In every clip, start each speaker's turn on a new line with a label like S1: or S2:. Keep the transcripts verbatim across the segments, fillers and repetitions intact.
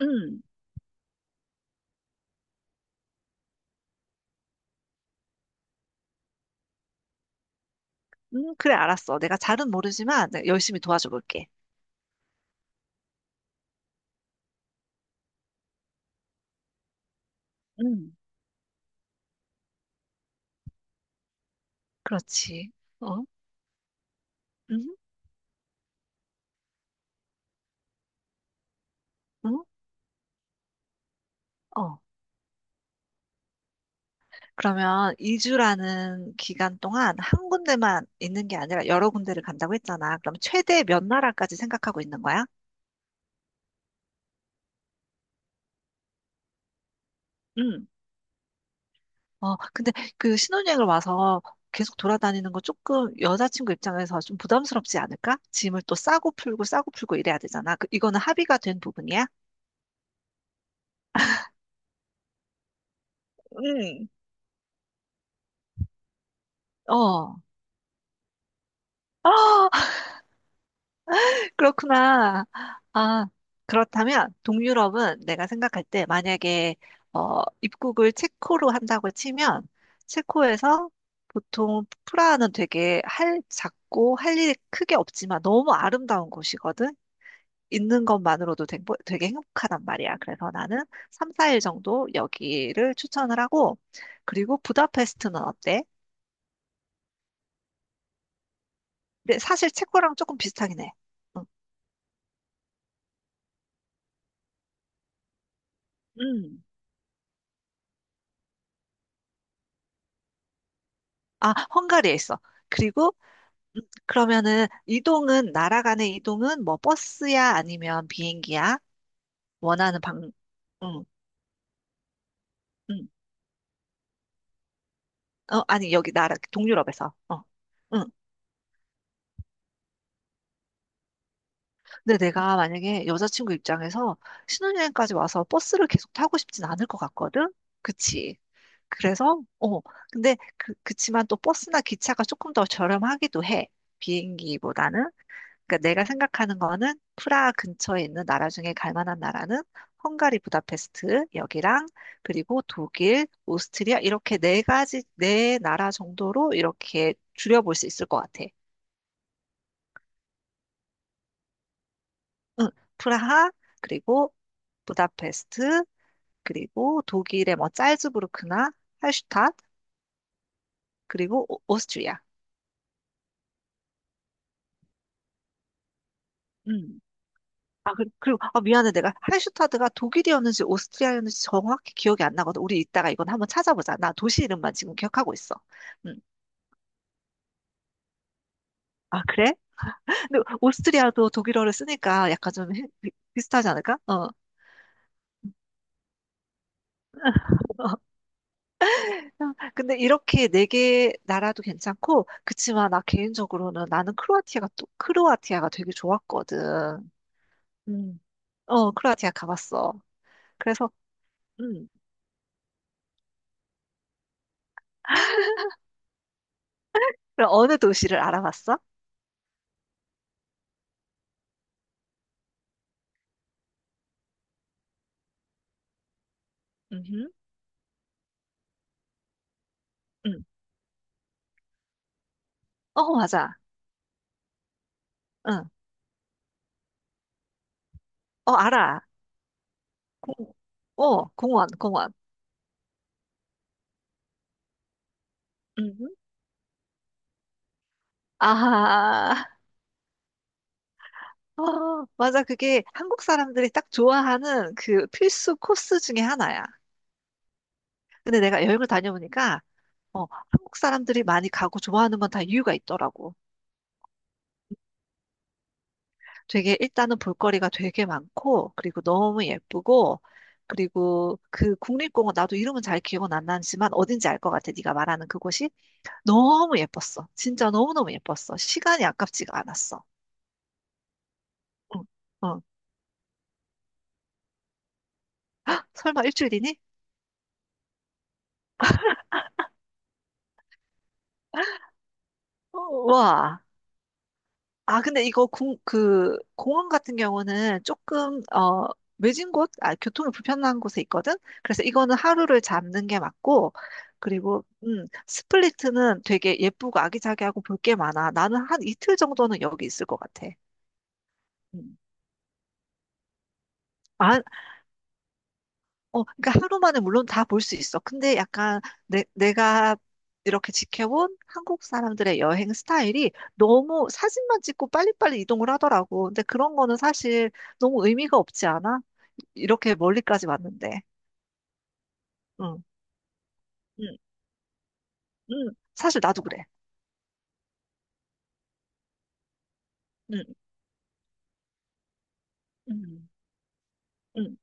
S1: 음, 음, 그래, 알았어. 내가 잘은 모르지만 내가 열심히 도와줘 볼게. 음, 그렇지. 어, 음, 음, 어. 그러면 이주라는 기간 동안 한 군데만 있는 게 아니라 여러 군데를 간다고 했잖아. 그럼 최대 몇 나라까지 생각하고 있는 거야? 음, 어, 근데 그 신혼여행을 와서 계속 돌아다니는 거 조금 여자친구 입장에서 좀 부담스럽지 않을까? 짐을 또 싸고 풀고 싸고 풀고 이래야 되잖아. 그, 이거는 합의가 된 부분이야? 음, 어. 그렇구나. 아, 그렇다면 동유럽은 내가 생각할 때 만약에 어, 입국을 체코로 한다고 치면 체코에서 보통 프라하는 되게 할 작고 할 일이 크게 없지만 너무 아름다운 곳이거든. 있는 것만으로도 되- 되게 행복하단 말이야. 그래서 나는 삼, 사 일 정도 여기를 추천을 하고 그리고 부다페스트는 어때? 근데 사실 체코랑 조금 비슷하긴 해. 응. 음. 아, 헝가리에 있어. 그리고 그러면은 이동은 나라 간의 이동은 뭐 버스야 아니면 비행기야? 원하는 방, 응, 응. 어, 아니 여기 나라 동유럽에서. 어. 응. 근데 내가 만약에 여자친구 입장에서 신혼여행까지 와서 버스를 계속 타고 싶진 않을 것 같거든? 그치? 그래서, 어, 근데 그, 그치만 또 버스나 기차가 조금 더 저렴하기도 해. 비행기보다는. 그러니까 내가 생각하는 거는 프라하 근처에 있는 나라 중에 갈 만한 나라는 헝가리 부다페스트 여기랑 그리고 독일, 오스트리아 이렇게 네 가지 네 나라 정도로 이렇게 줄여볼 수 있을 것 같아. 응, 프라하 그리고 부다페스트 그리고 독일의 뭐 짤즈부르크나 할슈타트 그리고 오- 오스트리아. 음. 아, 그리고, 그리고 아, 미안해. 내가 할슈타드가 독일이었는지 오스트리아였는지 정확히 기억이 안 나거든. 우리 이따가 이건 한번 찾아보자. 나 도시 이름만 지금 기억하고 있어. 음. 아, 그래? 근데 오스트리아도 독일어를 쓰니까 약간 좀 해- 비- 비슷하지 않을까? 어. 근데 이렇게 네 개 나라도 괜찮고, 그치만 나 개인적으로는 나는 크로아티아가 또, 크로아티아가 되게 좋았거든. 음. 어, 크로아티아 가봤어. 그래서, 음. 그럼 어느 도시를 알아봤어? 음. 음. 어, 맞아. 응. 어, 알아. 공, 어, 공원, 공원. 음. 아, 어, 맞아. 그게 한국 사람들이 딱 좋아하는 그 필수 코스 중에 하나야. 근데 내가 여행을 다녀보니까, 어, 한국 사람들이 많이 가고 좋아하는 건 다 이유가 있더라고. 되게, 일단은 볼거리가 되게 많고, 그리고 너무 예쁘고, 그리고 그 국립공원, 나도 이름은 잘 기억은 안 나지만 어딘지 알 것 같아. 네가 말하는 그곳이 너무 예뻤어. 진짜 너무너무 예뻤어. 시간이 아깝지가 않았어. 어, 어. 아, 설마 일주일이니? 어, 와. 아, 근데 이거 공, 그, 공원 같은 경우는 조금, 어, 외진 곳, 아, 교통이 불편한 곳에 있거든? 그래서 이거는 하루를 잡는 게 맞고, 그리고, 음, 스플리트는 되게 예쁘고 아기자기하고 볼 게 많아. 나는 한 이틀 정도는 여기 있을 것 같아. 음. 아, 어, 그러니까 하루 만에 물론 다 볼 수 있어. 근데 약간 내, 내가 이렇게 지켜본 한국 사람들의 여행 스타일이 너무 사진만 찍고 빨리빨리 이동을 하더라고. 근데 그런 거는 사실 너무 의미가 없지 않아? 이렇게 멀리까지 왔는데. 응, 응, 응. 사실 나도 그래. 응, 응, 응.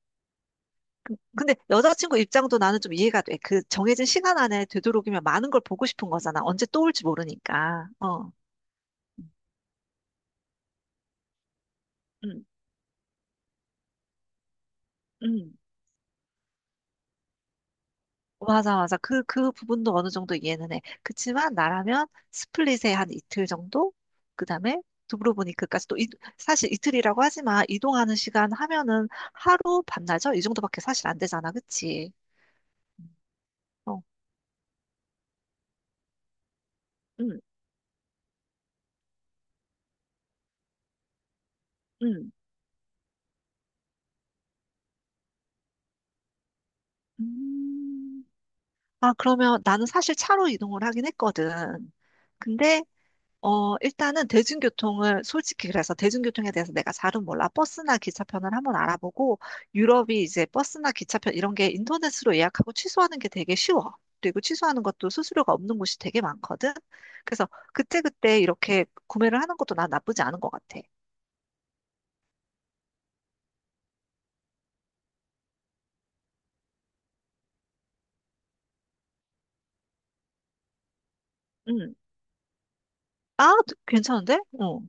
S1: 근데 여자친구 입장도 나는 좀 이해가 돼. 그 정해진 시간 안에 되도록이면 많은 걸 보고 싶은 거잖아. 언제 또 올지 모르니까. 어, 응, 응. 맞아, 맞아. 그, 그 부분도 어느 정도 이해는 해. 그치만 나라면 스플릿에 한 이틀 정도? 그 다음에 두브로보니크까지 또 이- 사실 이틀이라고 하지만 이동하는 시간 하면은 하루 반나절? 이 정도밖에 사실 안 되잖아. 그치? 어, 응, 응. 음. 아, 그러면 나는 사실 차로 이동을 하긴 했거든. 근데 어, 일단은 대중교통을, 솔직히 그래서 대중교통에 대해서 내가 잘은 몰라. 버스나 기차편을 한번 알아보고, 유럽이 이제 버스나 기차편 이런 게 인터넷으로 예약하고 취소하는 게 되게 쉬워. 그리고 취소하는 것도 수수료가 없는 곳이 되게 많거든. 그래서 그때그때 이렇게 구매를 하는 것도 난 나쁘지 않은 것 같아. 음. 아, 괜찮은데? 어.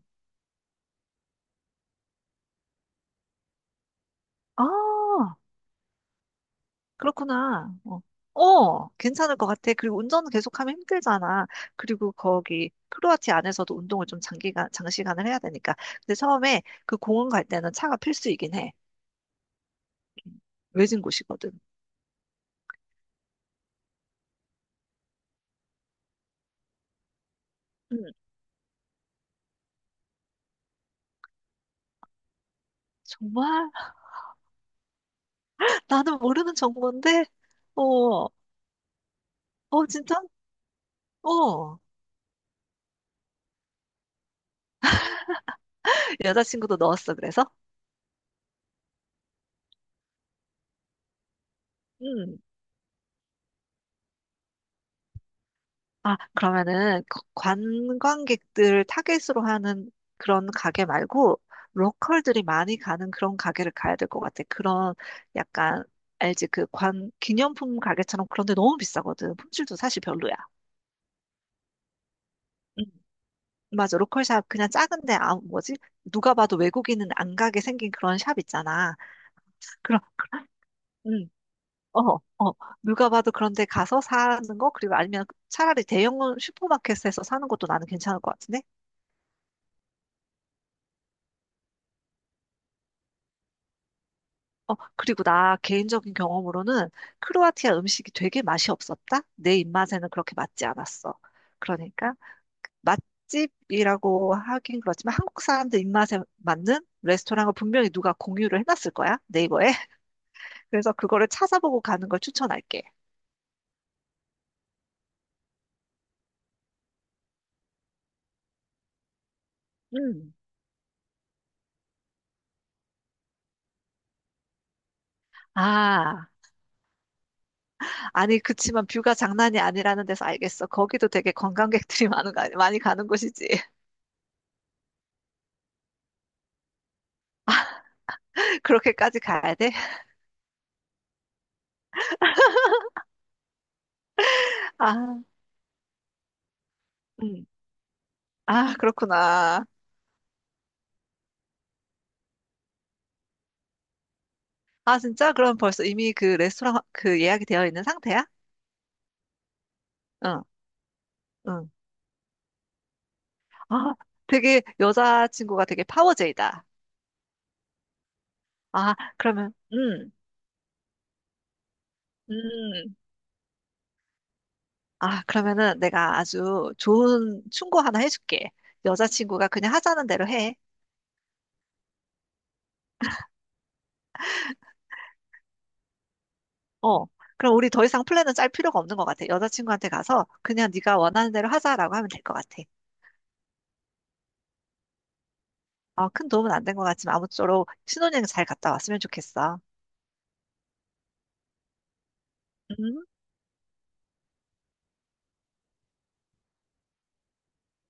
S1: 아. 그렇구나. 어, 어, 괜찮을 것 같아. 그리고 운전 계속하면 힘들잖아. 그리고 거기 크로아티아 안에서도 운동을 좀 장기간, 장시간을 해야 되니까. 근데 처음에 그 공원 갈 때는 차가 필수이긴 해. 외진 곳이거든. 음, 정말? 나는 모르는 정보인데? 어, 어, 진짜? 어. 여자친구도 넣었어, 그래서? 응. 아, 그러면은 거- 관광객들을 타겟으로 하는 그런 가게 말고 로컬들이 많이 가는 그런 가게를 가야 될 것 같아. 그런 약간 알지? 그 관 기념품 가게처럼 그런데 너무 비싸거든. 품질도 사실 별로야. 음, 맞아. 로컬 샵 그냥 작은데 아 뭐지? 누가 봐도 외국인은 안 가게 생긴 그런 샵 있잖아. 그럼 음. 어, 어, 누가 봐도 그런데 가서 사는 거, 그리고 아니면 차라리 대형 슈퍼마켓에서 사는 것도 나는 괜찮을 것 같은데? 어, 그리고 나 개인적인 경험으로는 크로아티아 음식이 되게 맛이 없었다? 내 입맛에는 그렇게 맞지 않았어. 그러니까 맛집이라고 하긴 그렇지만 한국 사람들 입맛에 맞는 레스토랑을 분명히 누가 공유를 해놨을 거야, 네이버에. 그래서 그거를 찾아보고 가는 걸 추천할게. 음. 아, 아니, 그치만 뷰가 장난이 아니라는 데서 알겠어. 거기도 되게 관광객들이 많은 거, 아니- 많이 가는 곳이지. 그렇게까지 가야 돼? 아, 음. 아, 그렇구나. 아, 진짜? 그럼 벌써 이미 그 레스토랑 그 예약이 되어 있는 상태야? 응, 응. 아, 되게 여자친구가 되게 파워제이다. 아, 그러면, 음, 음. 아, 그러면은 내가 아주 좋은 충고 하나 해줄게. 여자친구가 그냥 하자는 대로 해. 어. 그럼 우리 더 이상 플랜은 짤 필요가 없는 것 같아. 여자친구한테 가서 그냥 네가 원하는 대로 하자라고 하면 될 것 같아. 아, 큰 도움은 안 된 것 같지만 아무쪼록 신혼여행 잘 갔다 왔으면 좋겠어. 음.